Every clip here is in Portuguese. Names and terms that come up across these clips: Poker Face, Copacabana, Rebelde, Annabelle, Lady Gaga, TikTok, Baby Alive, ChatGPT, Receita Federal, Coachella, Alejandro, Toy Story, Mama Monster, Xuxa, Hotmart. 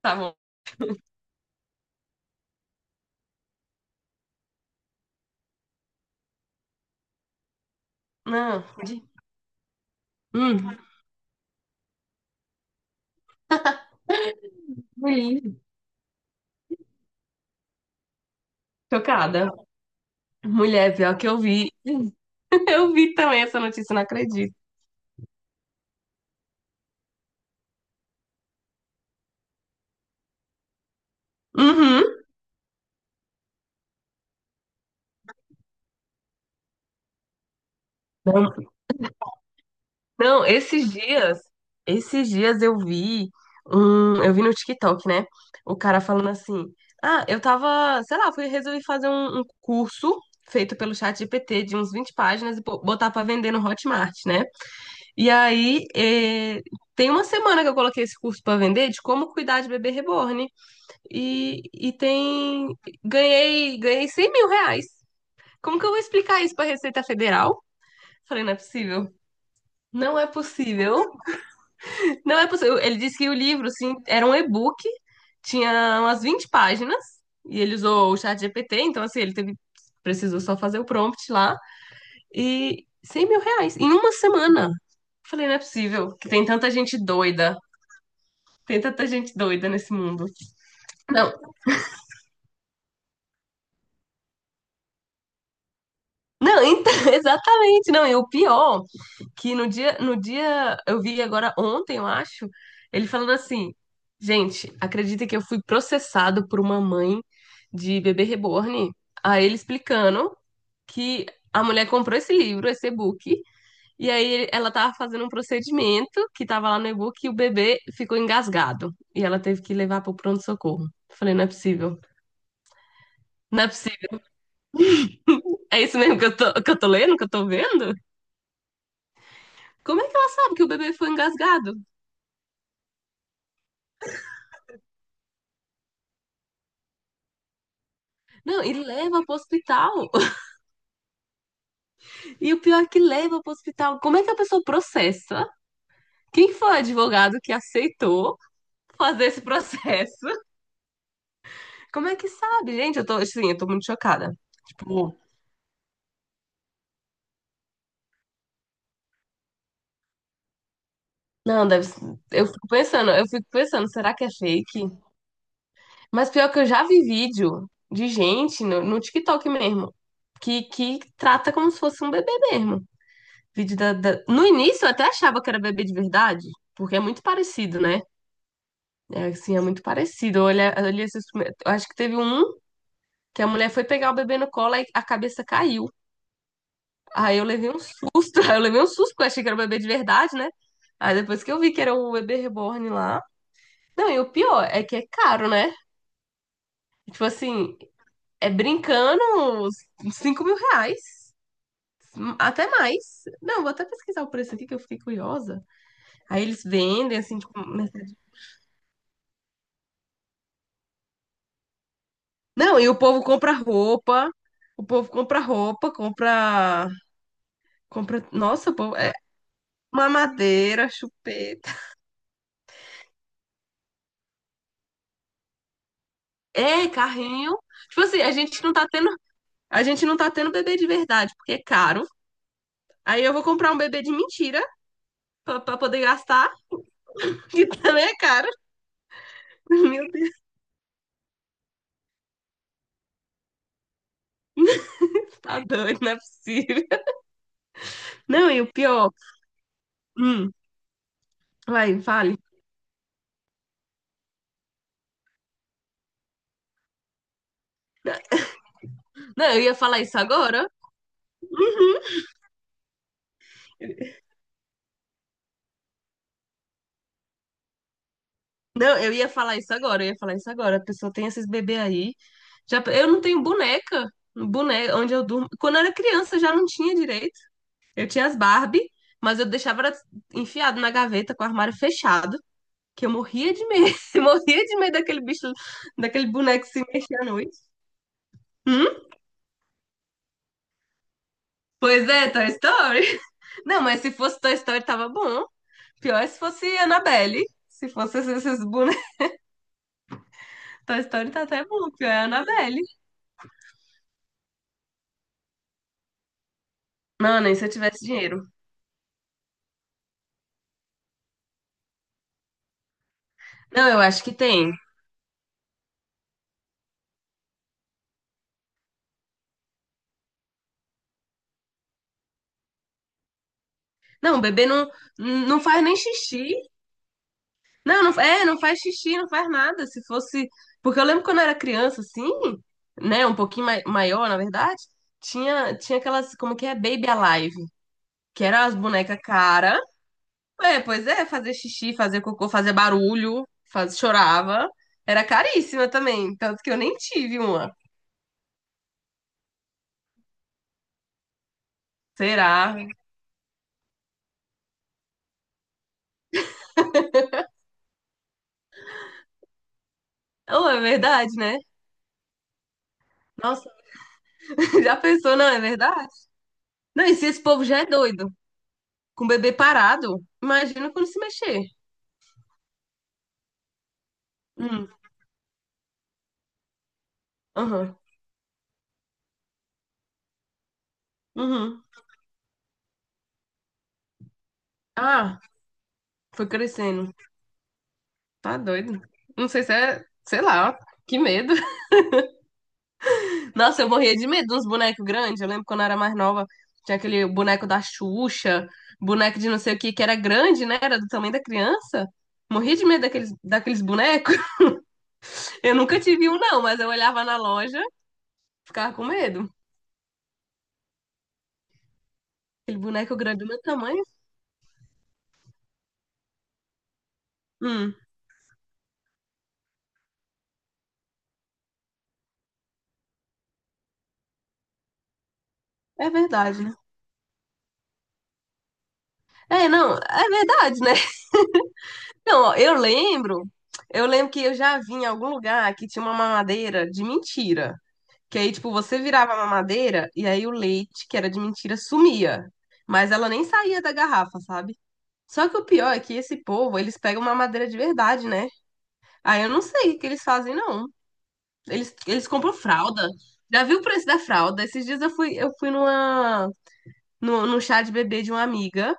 Tá bom. Não, de... hum, mulher, chocada. Mulher, pior que eu vi. Eu vi também essa notícia, não acredito. Uhum. Não, não, esses dias eu vi eu vi no TikTok, né? O cara falando assim: "Ah, eu tava, sei lá, fui resolvi fazer um curso feito pelo chat GPT de uns 20 páginas e botar pra vender no Hotmart, né? E aí, tem uma semana que eu coloquei esse curso pra vender de como cuidar de bebê reborn. E tem. Ganhei R$ 100.000. Como que eu vou explicar isso pra Receita Federal? Falei, não é possível. Não é possível. Não é possível. Ele disse que o livro, sim, era um e-book, tinha umas 20 páginas, e ele usou o chat GPT, então assim, ele teve, precisou só fazer o prompt lá. E R$ 100.000 em uma semana. Falei, não é possível que tem tanta gente doida. Tem tanta gente doida nesse mundo. Não, não, então, exatamente, não, e o pior, que no dia, eu vi agora ontem, eu acho, ele falando assim, gente, acredita que eu fui processado por uma mãe de bebê reborn? Aí ele explicando que a mulher comprou esse livro, esse e-book, e aí ela tava fazendo um procedimento que tava lá no e-book e o bebê ficou engasgado, e ela teve que levar pro pronto-socorro. Falei, não é possível, não é possível, é isso mesmo que eu tô, que eu tô vendo? Como é que ela sabe que o bebê foi engasgado? Não, e leva pro hospital. E o pior é que leva pro hospital. Como é que a pessoa processa? Quem foi o advogado que aceitou fazer esse processo? Como é que sabe, gente? Eu tô, assim, eu tô muito chocada. Tipo, não, deve eu fico pensando, eu fico pensando, será que é fake? Mas pior que eu já vi vídeo de gente no TikTok mesmo, que trata como se fosse um bebê mesmo. Vídeo no início eu até achava que era bebê de verdade, porque é muito parecido, né? É assim, é muito parecido. Olha, olha esses primeiros, eu acho que teve um que a mulher foi pegar o bebê no colo e a cabeça caiu. Aí eu levei um susto, aí eu levei um susto, porque eu achei que era o bebê de verdade, né? Aí depois que eu vi que era o bebê reborn lá. Não, e o pior é que é caro, né? Tipo assim, é brincando uns 5 mil reais. Até mais. Não, vou até pesquisar o preço aqui que eu fiquei curiosa. Aí eles vendem, assim, tipo, não, e o povo compra roupa, o povo compra roupa, compra, compra, nossa, o povo, é mamadeira, chupeta, é carrinho. Tipo assim, a gente não tá tendo, a gente não tá tendo bebê de verdade, porque é caro. Aí eu vou comprar um bebê de mentira pra poder gastar, que também é caro. Meu Deus, tá doido, não é possível. Não, e o pior, hum, vai, fale. Não, eu ia falar isso agora. Não, eu ia falar isso agora, eu ia falar isso agora. A pessoa tem esses bebês aí. Já, eu não tenho boneca, boneca onde eu durmo. Quando eu era criança, eu já não tinha direito. Eu tinha as Barbie, mas eu deixava elas enfiado na gaveta com o armário fechado, que eu morria de medo, eu morria de medo daquele bicho, daquele boneco se mexer à noite. Hum? Pois é, Toy Story. Não, mas se fosse Toy Story, tava bom. Pior é se fosse Annabelle. Se fosse esses bonecos. Toy Story tá até bom, pior é Annabelle. Mano, e se eu tivesse dinheiro? Não, eu acho que tem. Não, o bebê não, não faz nem xixi. Não, não, é, não faz xixi, não faz nada. Se fosse. Porque eu lembro quando eu era criança, assim, né? Um pouquinho maior, na verdade, tinha aquelas, como que é? Baby Alive, que eram as bonecas cara. É, pois é, fazer xixi, fazer cocô, fazer barulho, faz, chorava. Era caríssima também, tanto que eu nem tive uma. Será? Não, é verdade, né? Nossa, já pensou, não, é verdade? Não, e se esse povo já é doido? Com o bebê parado, imagina quando se mexer. Hum, aham, uhum. Ah, foi crescendo. Tá doido. Não sei se é, sei lá, que medo. Nossa, eu morria de medo dos bonecos grandes. Eu lembro quando eu era mais nova, tinha aquele boneco da Xuxa, boneco de não sei o que, que era grande, né? Era do tamanho da criança. Morria de medo daqueles bonecos. Eu nunca tive um, não, mas eu olhava na loja, ficava com medo. Aquele boneco grande do meu tamanho. Hum, é verdade, né? É, não, é verdade, né? Não, ó, eu lembro que eu já vi em algum lugar que tinha uma mamadeira de mentira. Que aí, tipo, você virava a mamadeira e aí o leite, que era de mentira, sumia. Mas ela nem saía da garrafa, sabe? Só que o pior é que esse povo, eles pegam mamadeira de verdade, né? Aí eu não sei o que eles fazem, não. Eles compram fralda. Já viu o preço da fralda? Esses dias eu fui numa, no num chá de bebê de uma amiga.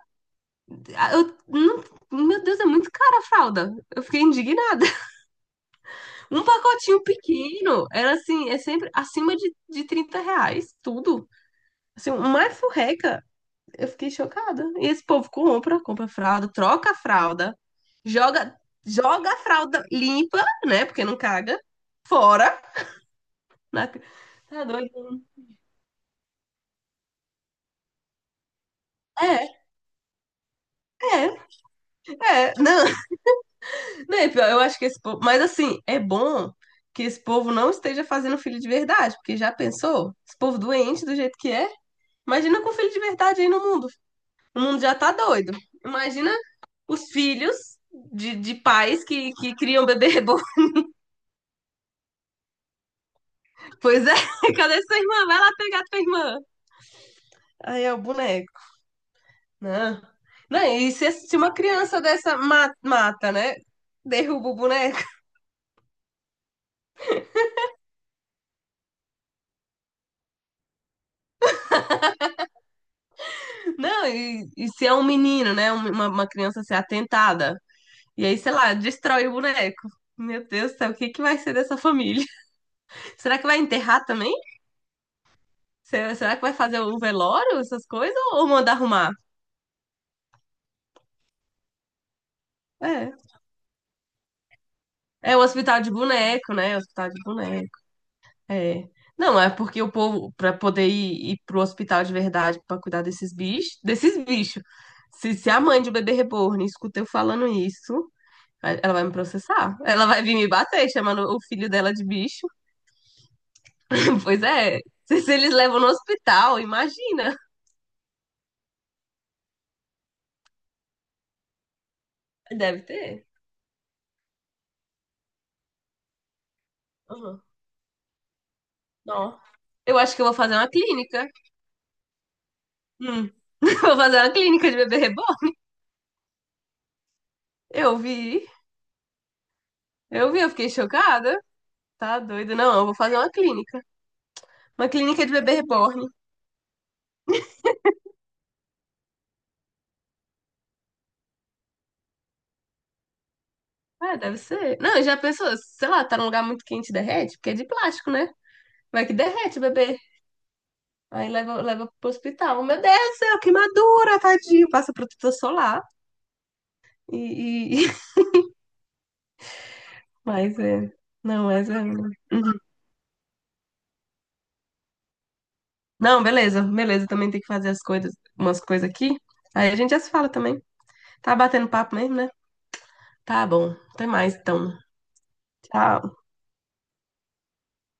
Ah, eu, meu Deus, é muito cara a fralda. Eu fiquei indignada. Um pacotinho pequeno era assim, é sempre acima de R$ 30, tudo. Assim, uma furreca, eu fiquei chocada. E esse povo compra, compra fralda, troca a fralda, joga, joga a fralda limpa, né? Porque não caga, fora. Na. Tá doido? É, é, é. Não, né, pior, eu acho que esse povo. Mas assim, é bom que esse povo não esteja fazendo filho de verdade, porque já pensou? Esse povo doente do jeito que é. Imagina com filho de verdade aí no mundo. O mundo já tá doido. Imagina os filhos de pais que criam bebê reborn. Pois é, cadê sua irmã? Vai lá pegar tua irmã. Aí é o boneco. Não. Não, e se uma criança dessa mata, né? Derruba o boneco. Não, e se é um menino, né? Um, uma criança ser atentada. E aí, sei lá, destrói o boneco. Meu Deus do céu, o que que vai ser dessa família? Será que vai enterrar também? Será, será que vai fazer o velório, essas coisas? Ou manda arrumar? É. É o hospital de boneco, né? Hospital de boneco. É. Não, é porque o povo, para poder ir, ir pro hospital de verdade para cuidar desses bichos, desses bichos. Se a mãe de um bebê reborn escuta eu falando isso, ela vai me processar. Ela vai vir me bater, chamando o filho dela de bicho. Pois é. Se eles levam no hospital, imagina. Deve ter. Uhum. Não. Eu acho que eu vou fazer uma clínica. Hum. Vou fazer uma clínica de bebê reborn. Eu vi. Eu vi, eu fiquei chocada. Tá doido? Não, eu vou fazer uma clínica. Uma clínica de bebê reborn. Ah, deve ser. Não, já pensou, sei lá, tá num lugar muito quente e derrete? Porque é de plástico, né? Vai que derrete o bebê. Aí leva, leva pro hospital. Meu Deus do céu, queimadura, tadinho. Passa protetor solar. E... mas é. Não, mas é, né? Uhum. Não, beleza, beleza. Também tem que fazer as coisas, umas coisas aqui. Aí a gente já se fala também. Tá batendo papo mesmo, né? Tá bom. Até mais, então. Tchau.